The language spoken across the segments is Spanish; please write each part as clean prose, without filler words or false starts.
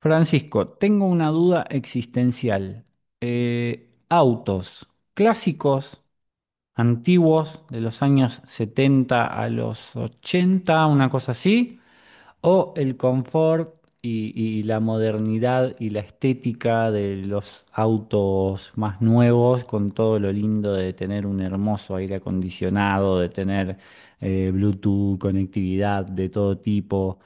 Francisco, tengo una duda existencial. Autos clásicos, antiguos, de los años 70 a los 80, una cosa así, o el confort y, y la modernidad y la estética de los autos más nuevos, con todo lo lindo de tener un hermoso aire acondicionado, de tener Bluetooth, conectividad de todo tipo.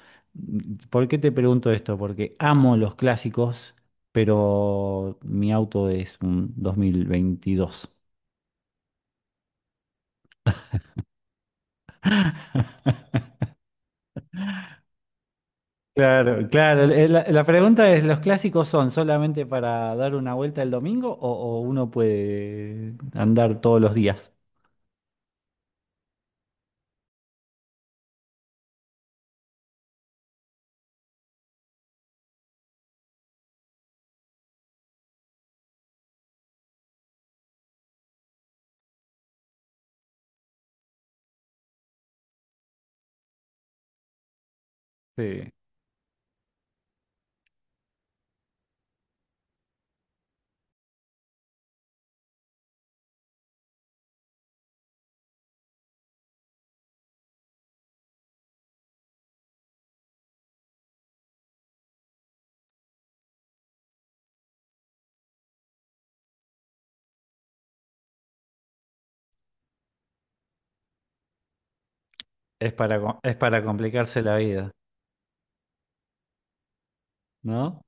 ¿Por qué te pregunto esto? Porque amo los clásicos, pero mi auto es un 2022. Claro, claro. La pregunta es, ¿los clásicos son solamente para dar una vuelta el domingo o uno puede andar todos los días? Sí. Es para complicarse la vida, ¿no?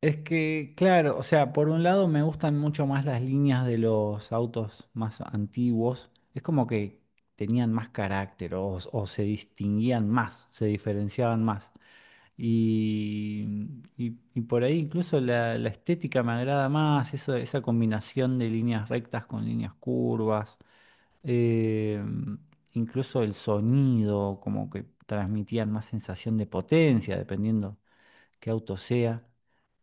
Es que, claro, o sea, por un lado me gustan mucho más las líneas de los autos más antiguos. Es como que tenían más carácter o se distinguían más, se diferenciaban más. Y, y por ahí incluso la estética me agrada más, eso, esa combinación de líneas rectas con líneas curvas. eh, Incluso el sonido, como que transmitían más sensación de potencia, dependiendo qué auto sea.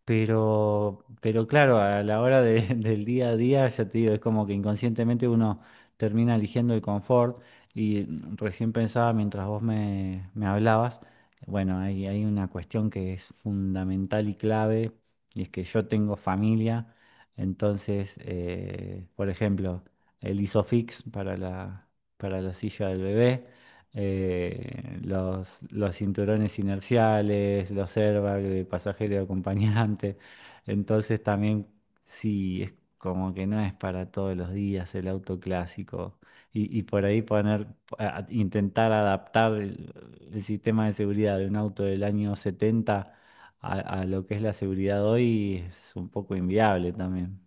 Pero claro, a la hora del día a día, ya te digo, es como que inconscientemente uno termina eligiendo el confort. Y recién pensaba mientras vos me hablabas, bueno, hay una cuestión que es fundamental y clave, y es que yo tengo familia. Entonces, por ejemplo, el Isofix para la silla del bebé, los cinturones inerciales, los airbags de pasajero y acompañante. Entonces también sí, es como que no es para todos los días el auto clásico. Y por ahí poner, intentar adaptar el sistema de seguridad de un auto del año 70 a, a lo que es la seguridad hoy es un poco inviable también.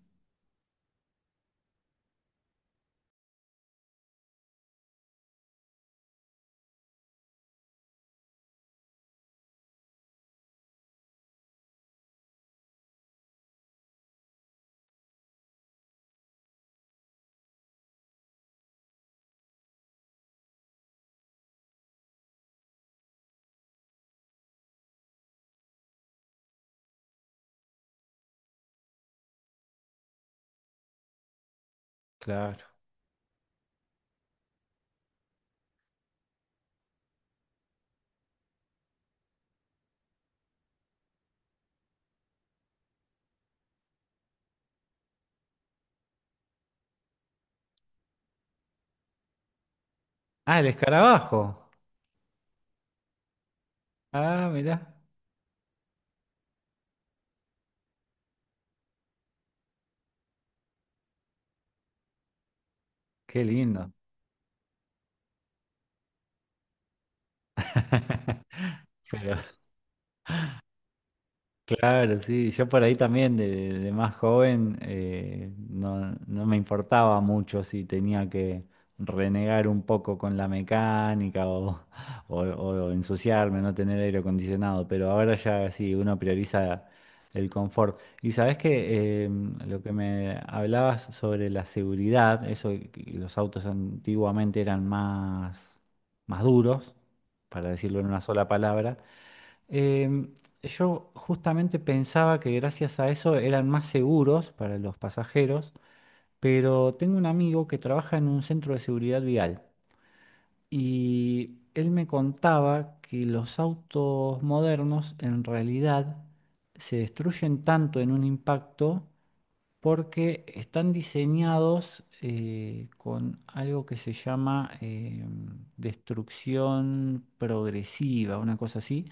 Claro. Ah, el escarabajo. Ah, mirá, qué lindo. Pero claro, sí, yo por ahí también de más joven no, no me importaba mucho si tenía que renegar un poco con la mecánica o, o ensuciarme, no tener aire acondicionado, pero ahora ya sí, uno prioriza el confort. Y sabes que lo que me hablabas sobre la seguridad, eso de que los autos antiguamente eran más, más duros, para decirlo en una sola palabra. Em, yo justamente pensaba que gracias a eso eran más seguros para los pasajeros, pero tengo un amigo que trabaja en un centro de seguridad vial y él me contaba que los autos modernos en realidad se destruyen tanto en un impacto porque están diseñados con algo que se llama destrucción progresiva, una cosa así,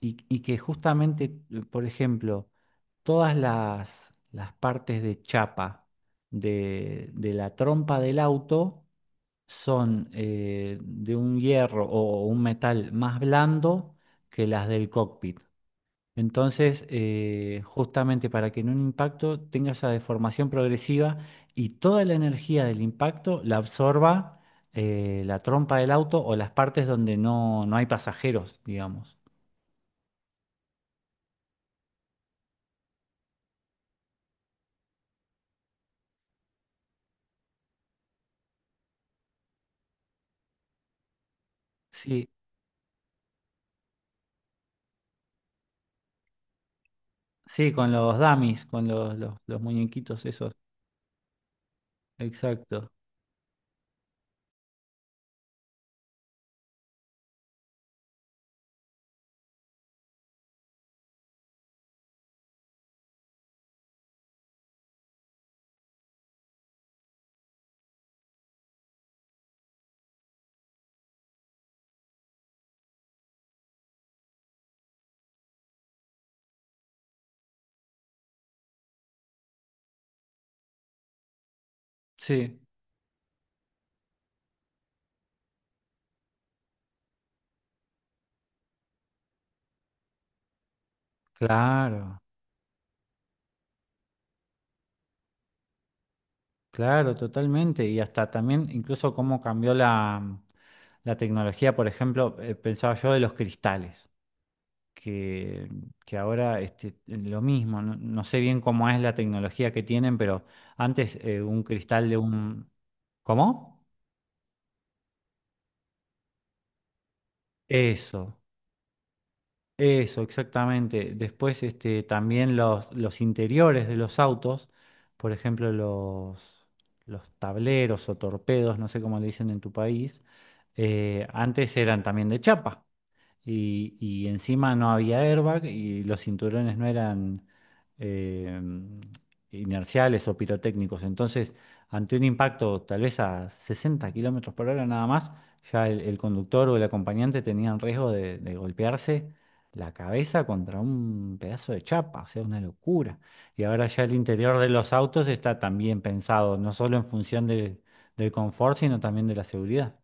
y que justamente, por ejemplo, todas las partes de chapa de la trompa del auto son de un hierro o un metal más blando que las del cockpit. Entonces, justamente para que en un impacto tenga esa deformación progresiva y toda la energía del impacto la absorba la trompa del auto o las partes donde no, no hay pasajeros, digamos. Sí, sí, con los dummies, con los muñequitos esos. Exacto. Sí, claro, claro, totalmente. Y hasta también, incluso cómo cambió la tecnología, por ejemplo, pensaba yo de los cristales. que, que ahora este, lo mismo, no, no sé bien cómo es la tecnología que tienen, pero antes un cristal de un... ¿Cómo? Eso, eso, exactamente. Después este, también los interiores de los autos, por ejemplo, los tableros o torpedos, no sé cómo le dicen en tu país, antes eran también de chapa. Y encima no había airbag y los cinturones no eran eh, inerciales o pirotécnicos. Entonces, ante un impacto tal vez a 60 kilómetros por hora nada más, ya el conductor o el acompañante tenían riesgo de golpearse la cabeza contra un pedazo de chapa. O sea, una locura. Y ahora ya el interior de los autos está también pensado, no solo en función del confort, sino también de la seguridad.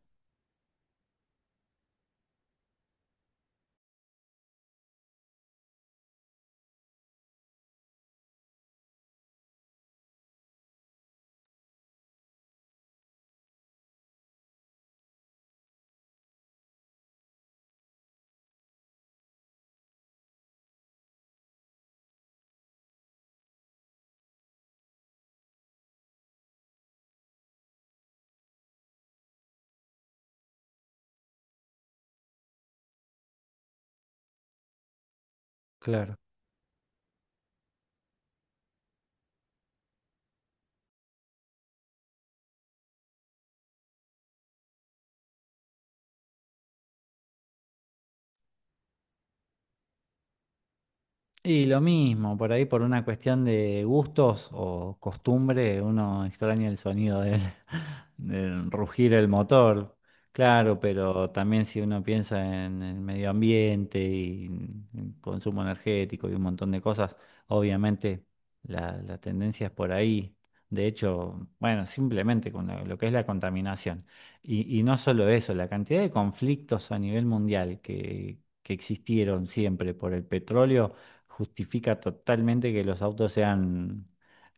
Y lo mismo, por ahí por una cuestión de gustos o costumbre, uno extraña el sonido del, del rugir el motor, claro, pero también si uno piensa en el medio ambiente y en consumo energético y un montón de cosas, obviamente la tendencia es por ahí. De hecho, bueno, simplemente con lo que es la contaminación. Y no solo eso, la cantidad de conflictos a nivel mundial que existieron siempre por el petróleo justifica totalmente que los autos sean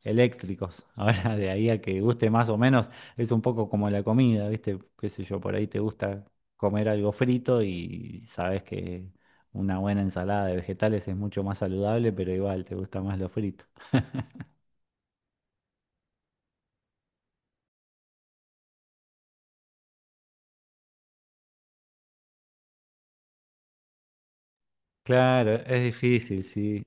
eléctricos. Ahora, de ahí a que guste más o menos, es un poco como la comida, ¿viste? Qué sé yo, por ahí te gusta comer algo frito y sabes que una buena ensalada de vegetales es mucho más saludable, pero igual te gusta más lo frito. Claro, es difícil, sí.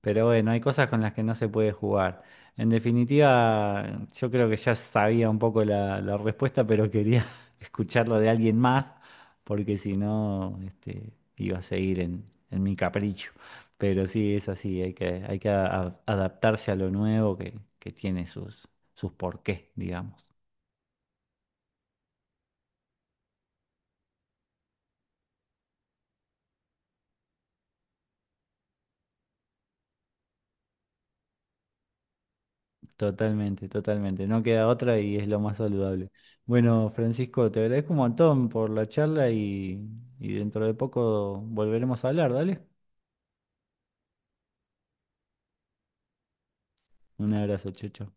Pero bueno, hay cosas con las que no se puede jugar. En definitiva, yo creo que ya sabía un poco la respuesta, pero quería escucharlo de alguien más, porque si no, este, iba a seguir en mi capricho. Pero sí, es así, hay que adaptarse a lo nuevo que tiene sus porqués, digamos. Totalmente, totalmente. No queda otra y es lo más saludable. Bueno, Francisco, te agradezco un montón por la charla y dentro de poco volveremos a hablar, ¿dale? Un abrazo, Checho.